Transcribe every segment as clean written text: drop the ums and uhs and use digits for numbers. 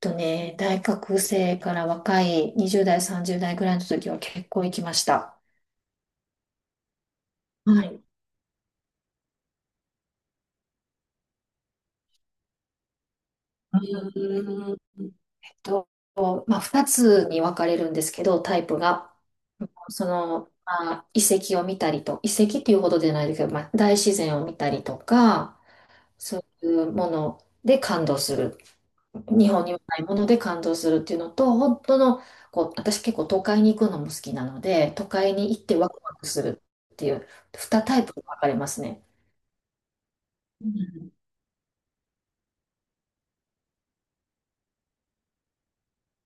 とね、大学生から若い20代、30代ぐらいの時は結構行きました。はい。うーんと、まあ、2つに分かれるんですけど、タイプが。その、まあ、遺跡を見たりと、遺跡っていうほどじゃないですけど、まあ、大自然を見たりとか、そういうもので感動する。日本にはないもので感動するっていうのと、本当の、こう、私結構都会に行くのも好きなので、都会に行ってワクワクするっていう、2タイプに分かれますね。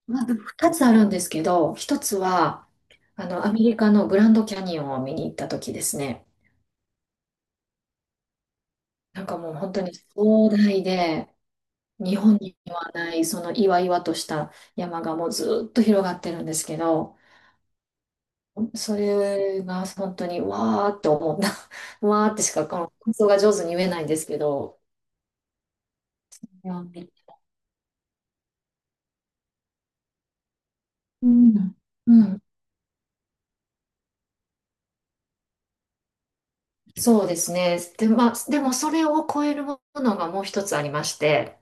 まあ、二つあるんですけど、一つは、あの、アメリカのグランドキャニオンを見に行った時ですね。なんかもう本当に壮大で、日本にはない、その岩々とした山がもうずっと広がってるんですけど、それが本当にわーって思った。わーってしかこの感想が上手に言えないんですけど、いや、うん。うん、そうですね。で、まあ、でもそれを超えるものがもう一つありまして、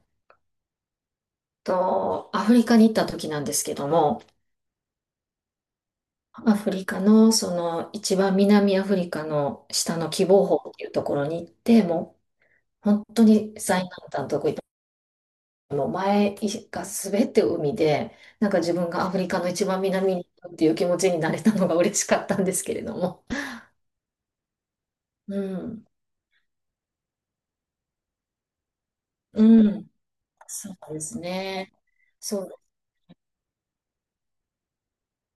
アフリカに行った時なんですけども、アフリカのその一番南アフリカの下の喜望峰っていうところに行って、もう本当に最南端のとこ行って、もう前が全て海で、なんか自分がアフリカの一番南に行ったっていう気持ちになれたのが嬉しかったんですけれども。うん、うん、そうですね。そう、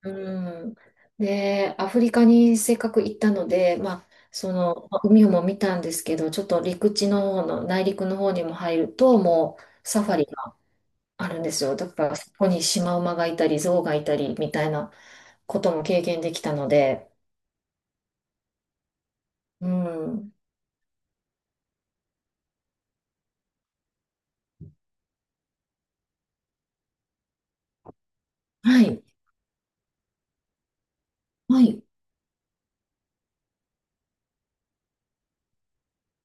うん。で、アフリカにせっかく行ったので、まあ、その、まあ海も見たんですけど、ちょっと陸地の方の、内陸の方にも入ると、もうサファリがあるんですよ。だから、そこにシマウマがいたり、ゾウがいたり、みたいなことも経験できたので、うん。はい、はい、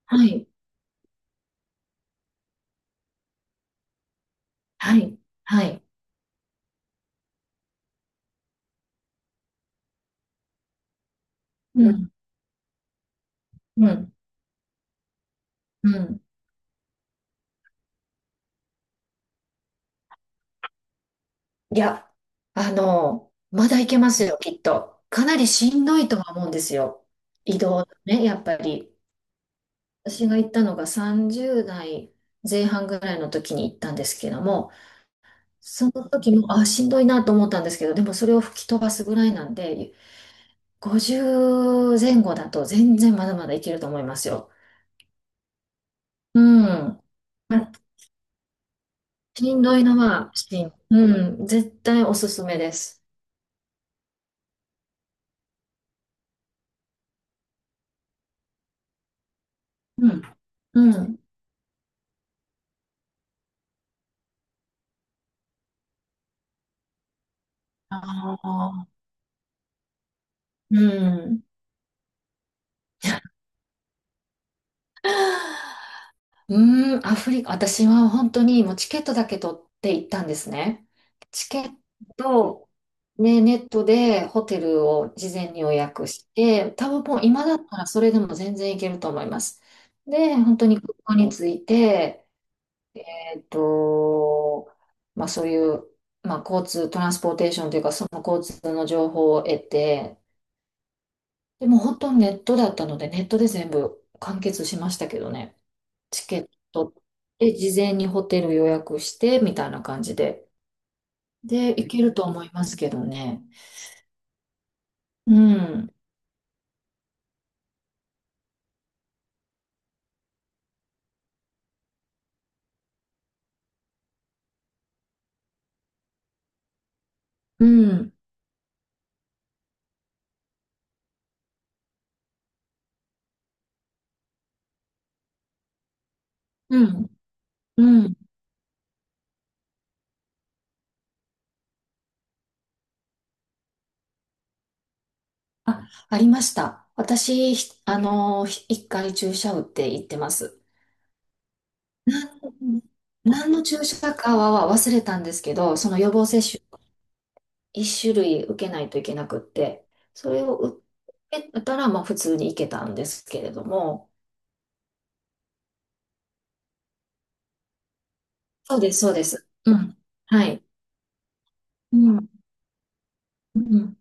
はい、はい、はい。うん、うん、うん。いや、あの、まだいけますよ、きっと。かなりしんどいとは思うんですよ。移動ね、やっぱり。私が行ったのが30代前半ぐらいの時に行ったんですけども、その時も、あ、しんどいなと思ったんですけど、でもそれを吹き飛ばすぐらいなんで、50前後だと全然まだまだいけると思いますよ。うん。しんどいのは、うん、絶対おすすめです。うん。うん。ああ。うん。アフリカ、私は本当にもうチケットだけ取って行ったんですね。チケット、ね、ネットでホテルを事前に予約して、多分もう今だったらそれでも全然行けると思います。で、本当に空港に着いて、えっと、まあそういう、まあ交通、トランスポーテーションというか、その交通の情報を得て、でも本当にネットだったので、ネットで全部完結しましたけどね。チケットで事前にホテル予約してみたいな感じで。で、行けると思いますけどね。うん、うん、うん、うん。あ、ありました。私、ひあの、ひ一回注射打って行ってます。なん何の注射かは忘れたんですけど、その予防接種一種類受けないといけなくって、それを受けたら、まあ普通に行けたんですけれども、そうです、そうです。うん。はい。うん。うん。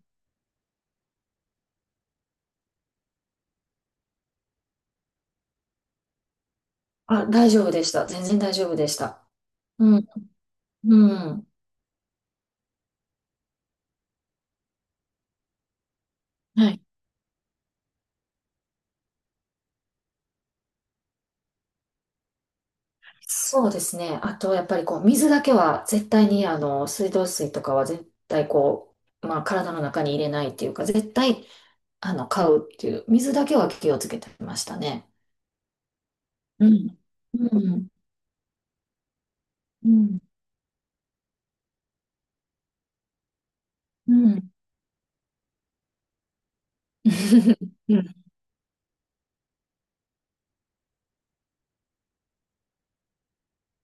あ、大丈夫でした。全然大丈夫でした。うん、うん。はい。そうですね。あと、やっぱりこう、水だけは絶対に、あの、水道水とかは絶対こう、まあ、体の中に入れないっていうか、絶対、あの、買うっていう、水だけは気をつけてましたね。うん。うん、うん、うん。うん。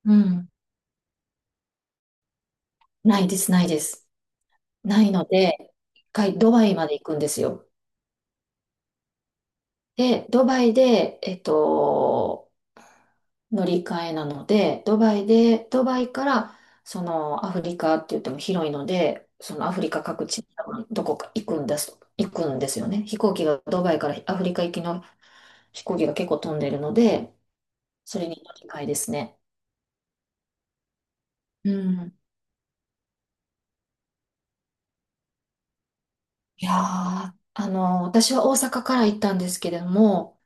うん。ないです、ないです。ないので、一回ドバイまで行くんですよ。で、ドバイで、乗り換えなので、ドバイで、ドバイから、そのアフリカって言っても広いので、そのアフリカ各地、どこか行くんです、行くんですよね。飛行機が、ドバイからアフリカ行きの飛行機が結構飛んでるので、それに乗り換えですね。うん。いやー、あの、私は大阪から行ったんですけれども、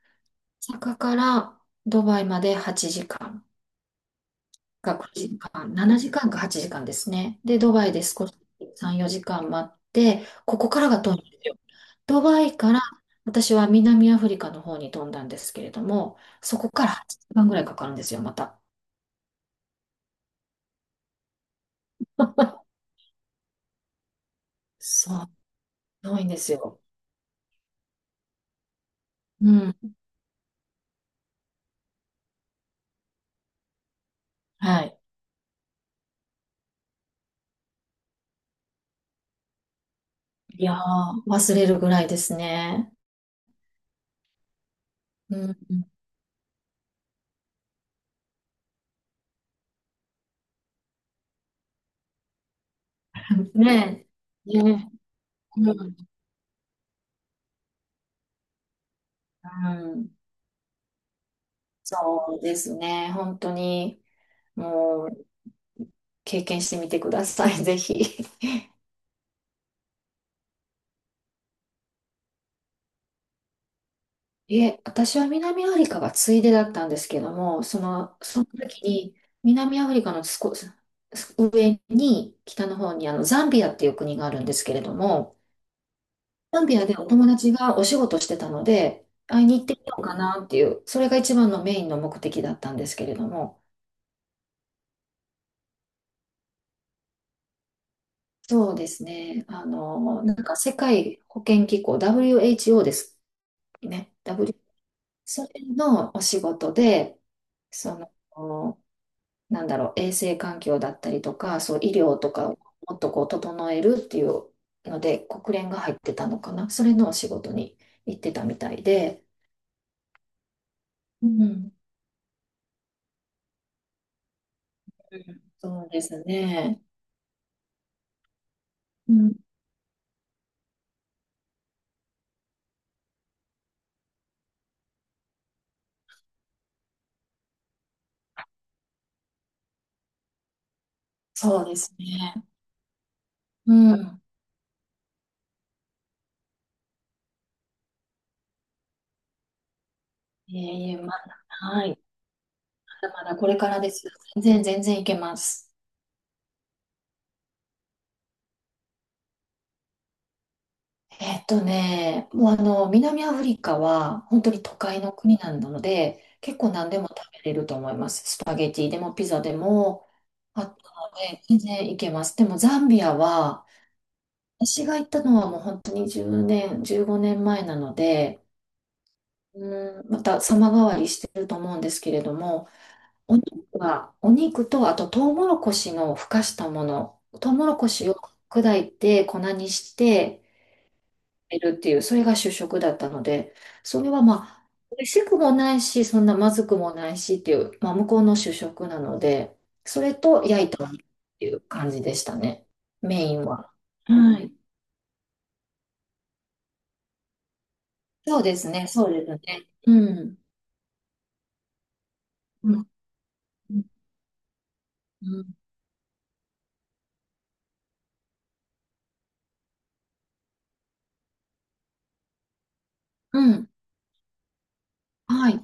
大阪からドバイまで8時間。が9時間、7時間か8時間ですね。で、ドバイで少し3、4時間待って、ここからが飛んだんですよ。ドバイから私は南アフリカの方に飛んだんですけれども、そこから8時間ぐらいかかるんですよ、また。そう、遠いんですよ。うん。はい。いやー、忘れるぐらいですね。うん。ねえ。ねえ。うん。うん、そうですね。本当に、もう、経験してみてください、ぜひ。いえ、私は南アフリカがついでだったんですけども、その、その時に南アフリカの少し上に北の方にあのザンビアっていう国があるんですけれども、ザンビアでお友達がお仕事してたので、会いに行ってみようかなっていう、それが一番のメインの目的だったんですけれども、そうですね、あの、なんか世界保健機構 WHO ですね、W、それのお仕事で、その、なんだろう、衛生環境だったりとか、そう、医療とかをもっとこう整えるっていうので、国連が入ってたのかな。それのお仕事に行ってたみたいで。うん。うん、そうですね。うん、そうですね。うん。いえいえ、まだ、はい。まだまだこれからです。全然、全然いけます。えっとね、もうあの、南アフリカは本当に都会の国なので、結構何でも食べれると思います。スパゲティでもピザでも、あったので、全然行けます。でもザンビアは、私が行ったのはもう本当に10年、15年前なので、うん、また様変わりしてると思うんですけれども、お肉は、お肉と、あとトウモロコシのふかしたもの、トウモロコシを砕いて粉にして、いるっていう、それが主食だったので、それはまあ、美味しくもないし、そんなまずくもないしっていう、まあ、向こうの主食なので、それと焼いたお肉っていう感じでしたね、メインは。はい。そうですね、そうですね。うん。うん。うん。うん、うん、はい。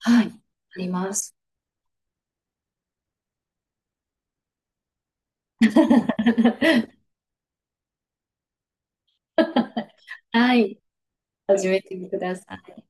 はい。あります。はい。始めてください。